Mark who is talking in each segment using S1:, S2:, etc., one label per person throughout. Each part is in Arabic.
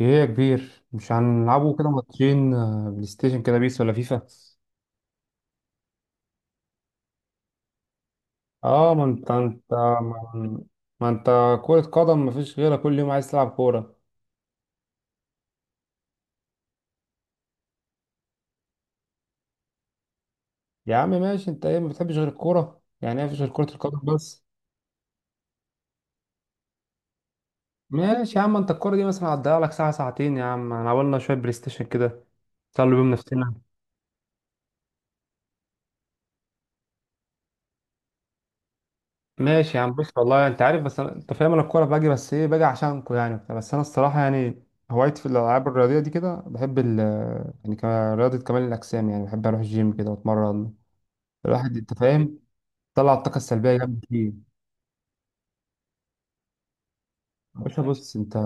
S1: ايه يا كبير، مش هنلعبوا كده ماتشين، بلاي ستيشن كده، بيس ولا فيفا؟ اه ما انت انت ما, ما انت كرة قدم مفيش غيرها، كل يوم عايز تلعب كورة. يا عم ماشي، انت ايه؟ ما بتحبش غير الكورة؟ يعني ايه؟ مفيش غير كرة القدم بس؟ ماشي يا عم، انت الكورة دي مثلا هتضيع لك ساعة ساعتين، يا عم انا عملنا شوية بلاي ستيشن كده، نسلوا بيهم نفسنا. ماشي يا عم، بص والله انت عارف، بس انت فاهم، انا الكوره باجي، بس باجي عشانكو وبتاع. بس انا الصراحه هوايتي في الالعاب الرياضيه دي كده، بحب يعني كمان رياضه كمال الاجسام، بحب اروح الجيم كده واتمرن. الواحد، انت فاهم، طلع الطاقه السلبيه جامد فيه. يا باشا بص، انت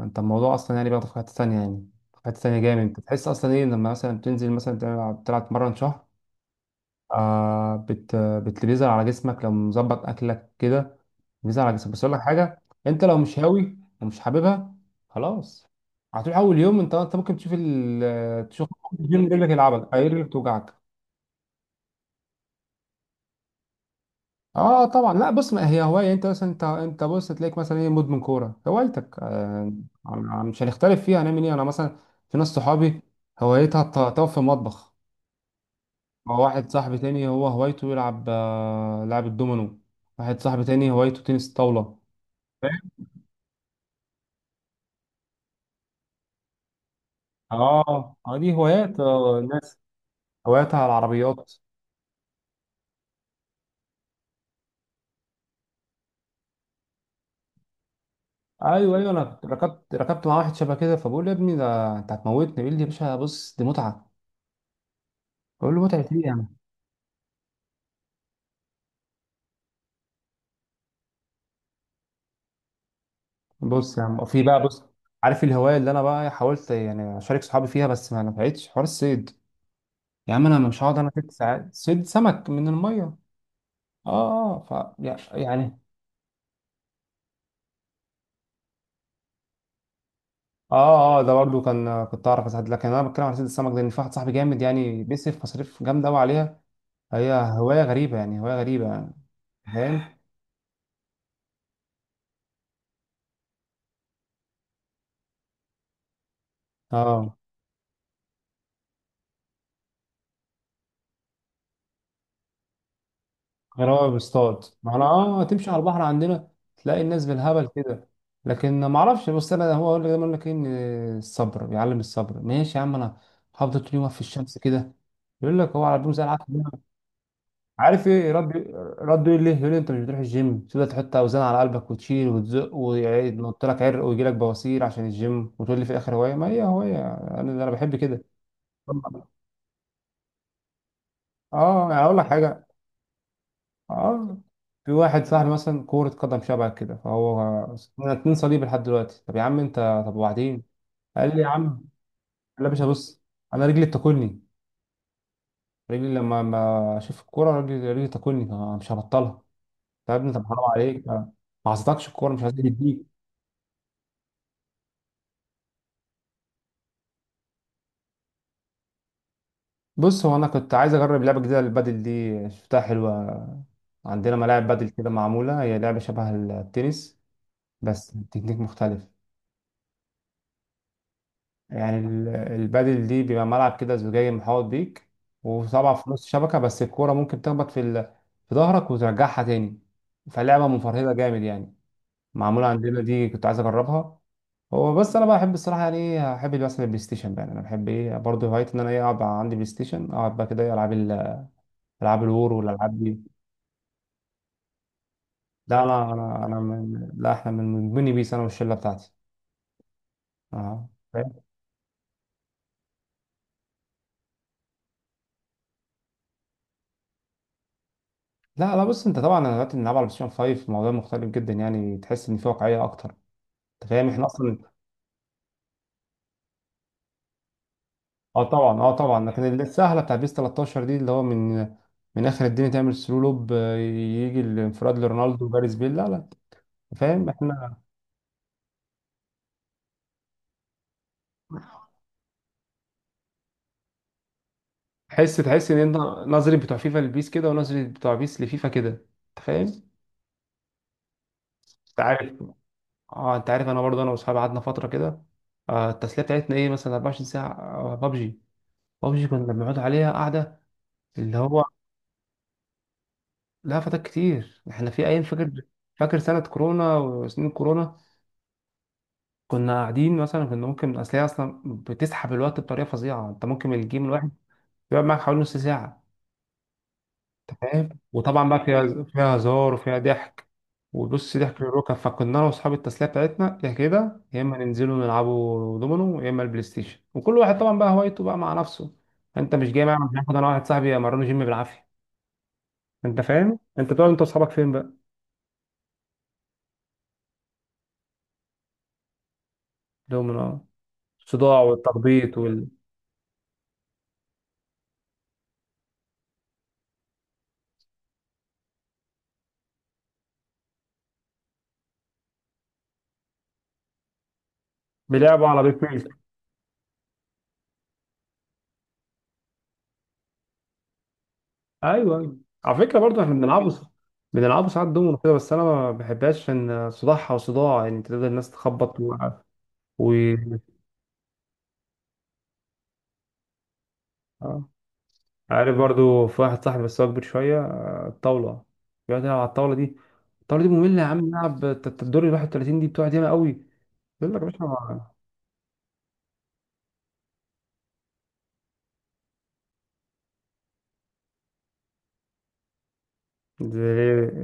S1: انت الموضوع اصلا بياخد في حته ثانيه، يعني في حته ثانيه جامد، انت تحس اصلا ايه لما مثلا بتنزل مثلا تلعب تلعب تمرن شهر، بيظهر على جسمك لو مظبط اكلك كده، بيظهر على جسمك. بس اقول لك حاجه، انت لو مش هاوي ومش حاببها خلاص، هتروح اول يوم، انت ممكن تشوف الجيم، رجلك يلعبك، اي رجلك توجعك. اه طبعا، لا بص، ما هي هوايه، انت مثلا انت بص تلاقيك مثلا ايه مدمن كوره هوايتك مش هنختلف فيها، هنعمل ايه؟ انا مثلا في ناس صحابي هوايتها تقف في المطبخ. هو واحد صاحبي تاني، هو هوايته يلعب لعب الدومينو. واحد صاحبي تاني هوايته تنس الطاولة. فاهم؟ اه، اه، دي هوايات، الناس هواياتها على العربيات. ايوه، ايوه، انا ركبت مع واحد شبه كده، فبقول له يا ابني ده انت هتموتني، بيقول لي يا باشا بص، دي متعة. بقول له متعة ايه يا عم؟ بص يا عم، في بقى بص، عارف الهواية اللي انا بقى حاولت اشارك صحابي فيها، بس ما نفعتش، حوار الصيد. يا عم انا مش هقعد انا 6 ساعات صيد سمك من المية. اه، اه، ف يعني اه، اه. ده برضو كنت اعرف اساعد، لكن انا بتكلم على صيد السمك، لان في واحد صاحبي جامد بيصرف مصاريف جامده قوي عليها. هي هوايه غريبه هوايه غريبه فاهم. اه، غير هو بيصطاد، ما انا تمشي على البحر عندنا تلاقي الناس بالهبل كده. لكن ما اعرفش، بس انا هو اقول لك دايما، يقول لك ايه، ان الصبر بيعلم الصبر. ماشي يا عم، انا هفضل طول يوم واقف في الشمس كده، يقول لك هو على بيوم زي العسل. عارف ايه رد؟ رد يقول لي، انت مش بتروح الجيم، تبدا تحط اوزان على قلبك وتشيل وتزق، وينط لك عرق ويجي لك بواسير عشان الجيم، وتقول لي في الاخر هوايه؟ ما هي هوايه، انا بحب كده. اه اقول لك حاجه. اه، في واحد صاحبي مثلا كرة قدم شبه كده، فهو انا 2 صليب لحد دلوقتي. طب يا عم انت، طب وبعدين. قال لي يا عم، لا يا باشا بص، انا رجلي بتاكلني، رجلي لما ما اشوف الكوره رجلي بتاكلني، فأنا مش هبطلها. طب يا ابني، طب حرام عليك، ما عصيتكش الكوره مش عايز تديك، بص هو انا كنت عايز اجرب لعبه جديده، للبادل دي شفتها حلوه، عندنا ملاعب بادل كده معموله، هي لعبه شبه التنس بس تكنيك مختلف. يعني البادل دي بيبقى ملعب كده زجاجي محاوط بيك، وطبعا في نص الشبكه، بس الكوره ممكن تخبط في ظهرك وترجعها تاني، فلعبه مفرهده جامد يعني. معموله عندنا دي، كنت عايز اجربها. هو بس انا بحب الصراحه، يعني ايه، احب مثلا البلاي ستيشن بقى، يعني انا بحب ايه برضه، هوايتي ان انا ايه اقعد عندي بلاي ستيشن، اقعد بقى كده إيه، العب العاب الور والالعاب دي. لا، انا من، لا احنا من بني بيس، انا والشله بتاعتي. اه، فاهم؟ لا، لا، بص انت، طبعا انا دلوقتي بنلعب على بلاي 5، الموضوع مختلف جدا، يعني تحس ان في واقعيه اكتر. انت فاهم احنا اصلا. اه طبعا، اه طبعا، لكن اللي السهله بتاع بيس 13 دي اللي هو من اخر الدنيا تعمل سلو لوب، يجي الانفراد لرونالدو وجاريث بيل. لا، لا، أنت فاهم احنا. تحس ان انت، نظري بتوع فيفا لبيس كده، ونظري بتوع بيس لفيفا كده، انت فاهم، انت عارف. اه، انت عارف، انا برضه انا واصحابي قعدنا فتره كده، التسليه بتاعتنا ايه مثلا، 24 ساعه بابجي. بابجي كنا بنقعد عليها قاعده، اللي هو. لا فتك كتير، احنا في ايام، فاكر سنه كورونا وسنين كورونا، كنا قاعدين مثلا، كنا ممكن، اصل هي اصلا بتسحب الوقت بطريقه فظيعه، انت ممكن الجيم الواحد يقعد معاك حوالي نص ساعه. تمام، وطبعا بقى فيها هزار وفيها ضحك، وبص ضحك للركب. فكنا انا واصحاب التسليه بتاعتنا يا كده، يا اما ننزلوا نلعبوا دومينو، يا اما البلاي ستيشن، وكل واحد طبعا بقى هوايته بقى مع نفسه. انت مش جاي معايا؟ مش هاخد انا واحد صاحبي امرنه جيم بالعافيه. انت فاهم، انت بتقعد انت واصحابك فين بقى؟ دومينو، الصداع والتخبيط بيلعبوا على بيت ميل. ايوه، ايوه، على فكره برضه احنا بنلعبوا ساعات دومينو كده، بس انا ما بحبهاش، ان صداعها وصداع يعني، تفضل الناس تخبط و... آه. عارف برضو في واحد صاحبي، بس هو اكبر شويه، الطاوله، بيقعد يلعب على الطاوله دي. الطاوله دي ممله يا عم، نلعب الدور ال 31، دي بتقعد ياما قوي. يقول لك يا باشا دي،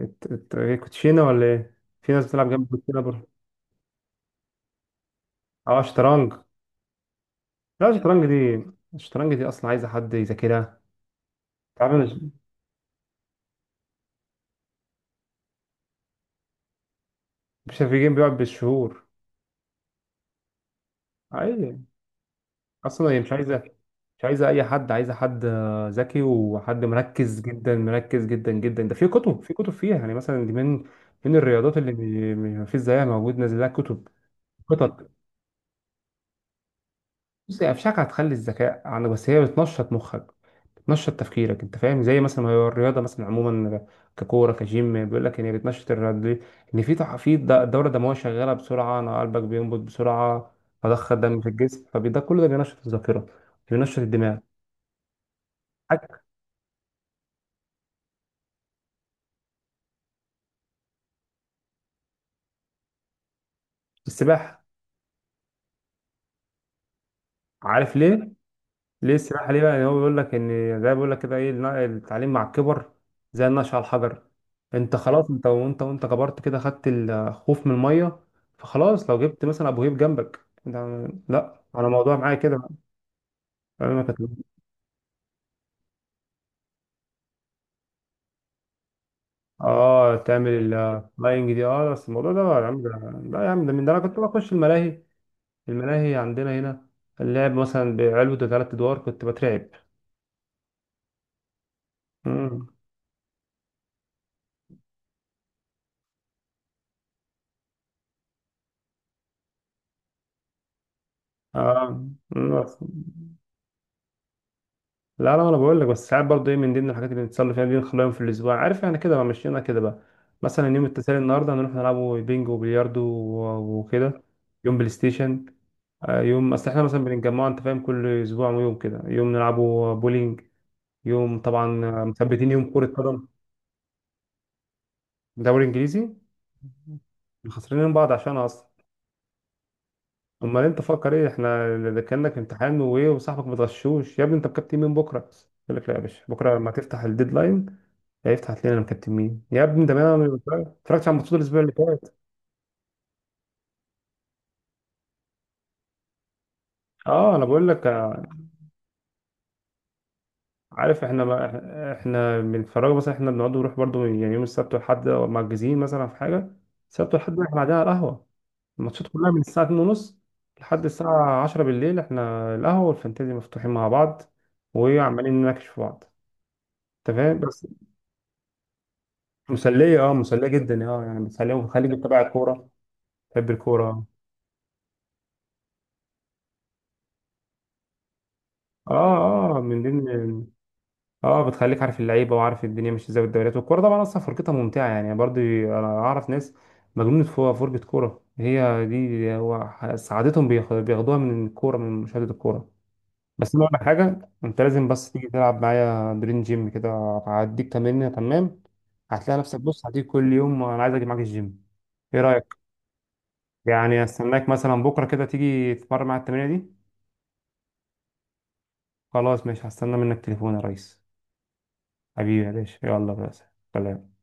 S1: إيه، كوتشينه ولا ايه؟ في ناس بتلعب جنب الكوتشينه برضه. اه، شطرنج. لا الشطرنج دي، اصلا عايزه حد يذاكرها. تعرف مش في جيم بيقعد بالشهور، اي. اصلا هي مش عايزه، اي حد، عايزه حد ذكي، وحد مركز جدا، مركز جدا جدا، ده في كتب، فيها يعني. مثلا دي من الرياضات اللي ما فيش زيها موجود، نازل لها كتب. خطط. بص هي افشاك هتخلي الذكاء عندك، بس هي بتنشط مخك، بتنشط تفكيرك، انت فاهم، زي مثلا ما هي الرياضه مثلا عموما، ككوره كجيم، بيقول لك ان هي بتنشط، الرياضه دي ان في الدوره الدمويه شغاله بسرعه، انا قلبك بينبض بسرعه، فضخ الدم في الجسم، فده كل ده بينشط الذاكره، بينشط الدماغ. السباحة. عارف ليه؟ ليه السباحة ليه بقى؟ يعني هو بيقول لك إن، زي بيقول لك كده إيه، التعليم مع الكبر زي النقش على الحجر. أنت خلاص، أنت وأنت وأنت كبرت كده، خدت الخوف من المية، فخلاص لو جبت مثلا أبو هيب جنبك، ده لا، أنا الموضوع معايا كده بقى. أنا ما كنت- تعمل اللاينج دي، بس الموضوع ده بقى يا عم ده، لا يا عم، ده من ده أنا كنت بخش الملاهي. الملاهي عندنا هنا، اللعب مثلا بعلبة 3 أدوار كنت بترعب. مم. آه. مم. لا لا، انا بقول لك، بس ساعات برضه ايه، من ضمن الحاجات اللي بنتصل فيها دي، نخليها يوم في الاسبوع، عارف احنا كده بقى، مشينا كده بقى. مثلا يوم التسالي النهارده هنروح نلعبوا بينج وبلياردو وكده، يوم بلاي ستيشن، يوم، اصل احنا مثلا بنتجمع، انت فاهم كل اسبوع يوم كده، يوم نلعبوا بولينج، يوم طبعا، مثبتين يوم كرة قدم، دوري انجليزي. خسرانين من بعض عشان اصلا. امال انت فكر ايه؟ احنا ده كانك امتحان وايه، وصاحبك متغشوش، يا ابني انت بكابتن مين بكره؟ يقول لك لا يا باشا، بكره لما تفتح الديدلاين. لا يفتح لنا مكتمين يا ابني، ده ما اتفرجتش على الماتشات الاسبوع اللي فات. اه انا بقول لك، عارف احنا ما احنا بنتفرج مثلا، احنا بنقعد نروح برضو، يعني يوم السبت والحد مأجزين مثلا في حاجه، السبت والحد بقى احنا قاعدين على القهوه، الماتشات كلها من الساعه 2 ونص لحد الساعه 10 بالليل، احنا القهوه والفانتازي مفتوحين مع بعض، وعمالين نناقش في بعض، انت فاهم، بس. مسليه، اه مسليه جدا، اه مسليه، وبتخليك تتابع الكوره، تحب الكوره. اه، اه، من ضمن، اه بتخليك عارف اللعيبه وعارف الدنيا ماشيه ازاي والدوريات والكوره، طبعا اصلا فرجتها ممتعه يعني، برضه انا اعرف ناس مجنونه فوق فرجه كوره، هي دي، سعادتهم بياخدوها من الكوره، من مشاهده الكوره. بس انا اقول لك حاجه، انت لازم بس تيجي تلعب معايا درين جيم كده، هديك تمرين تمام، هتلاقي نفسك بص هتيجي كل يوم، انا عايز اجي معاك الجيم. ايه رايك؟ يعني استناك مثلا بكره كده تيجي تتمرن مع التمرينه دي. خلاص ماشي، هستنى منك تليفون يا ريس. حبيبي يا باشا، يلا بس، سلام.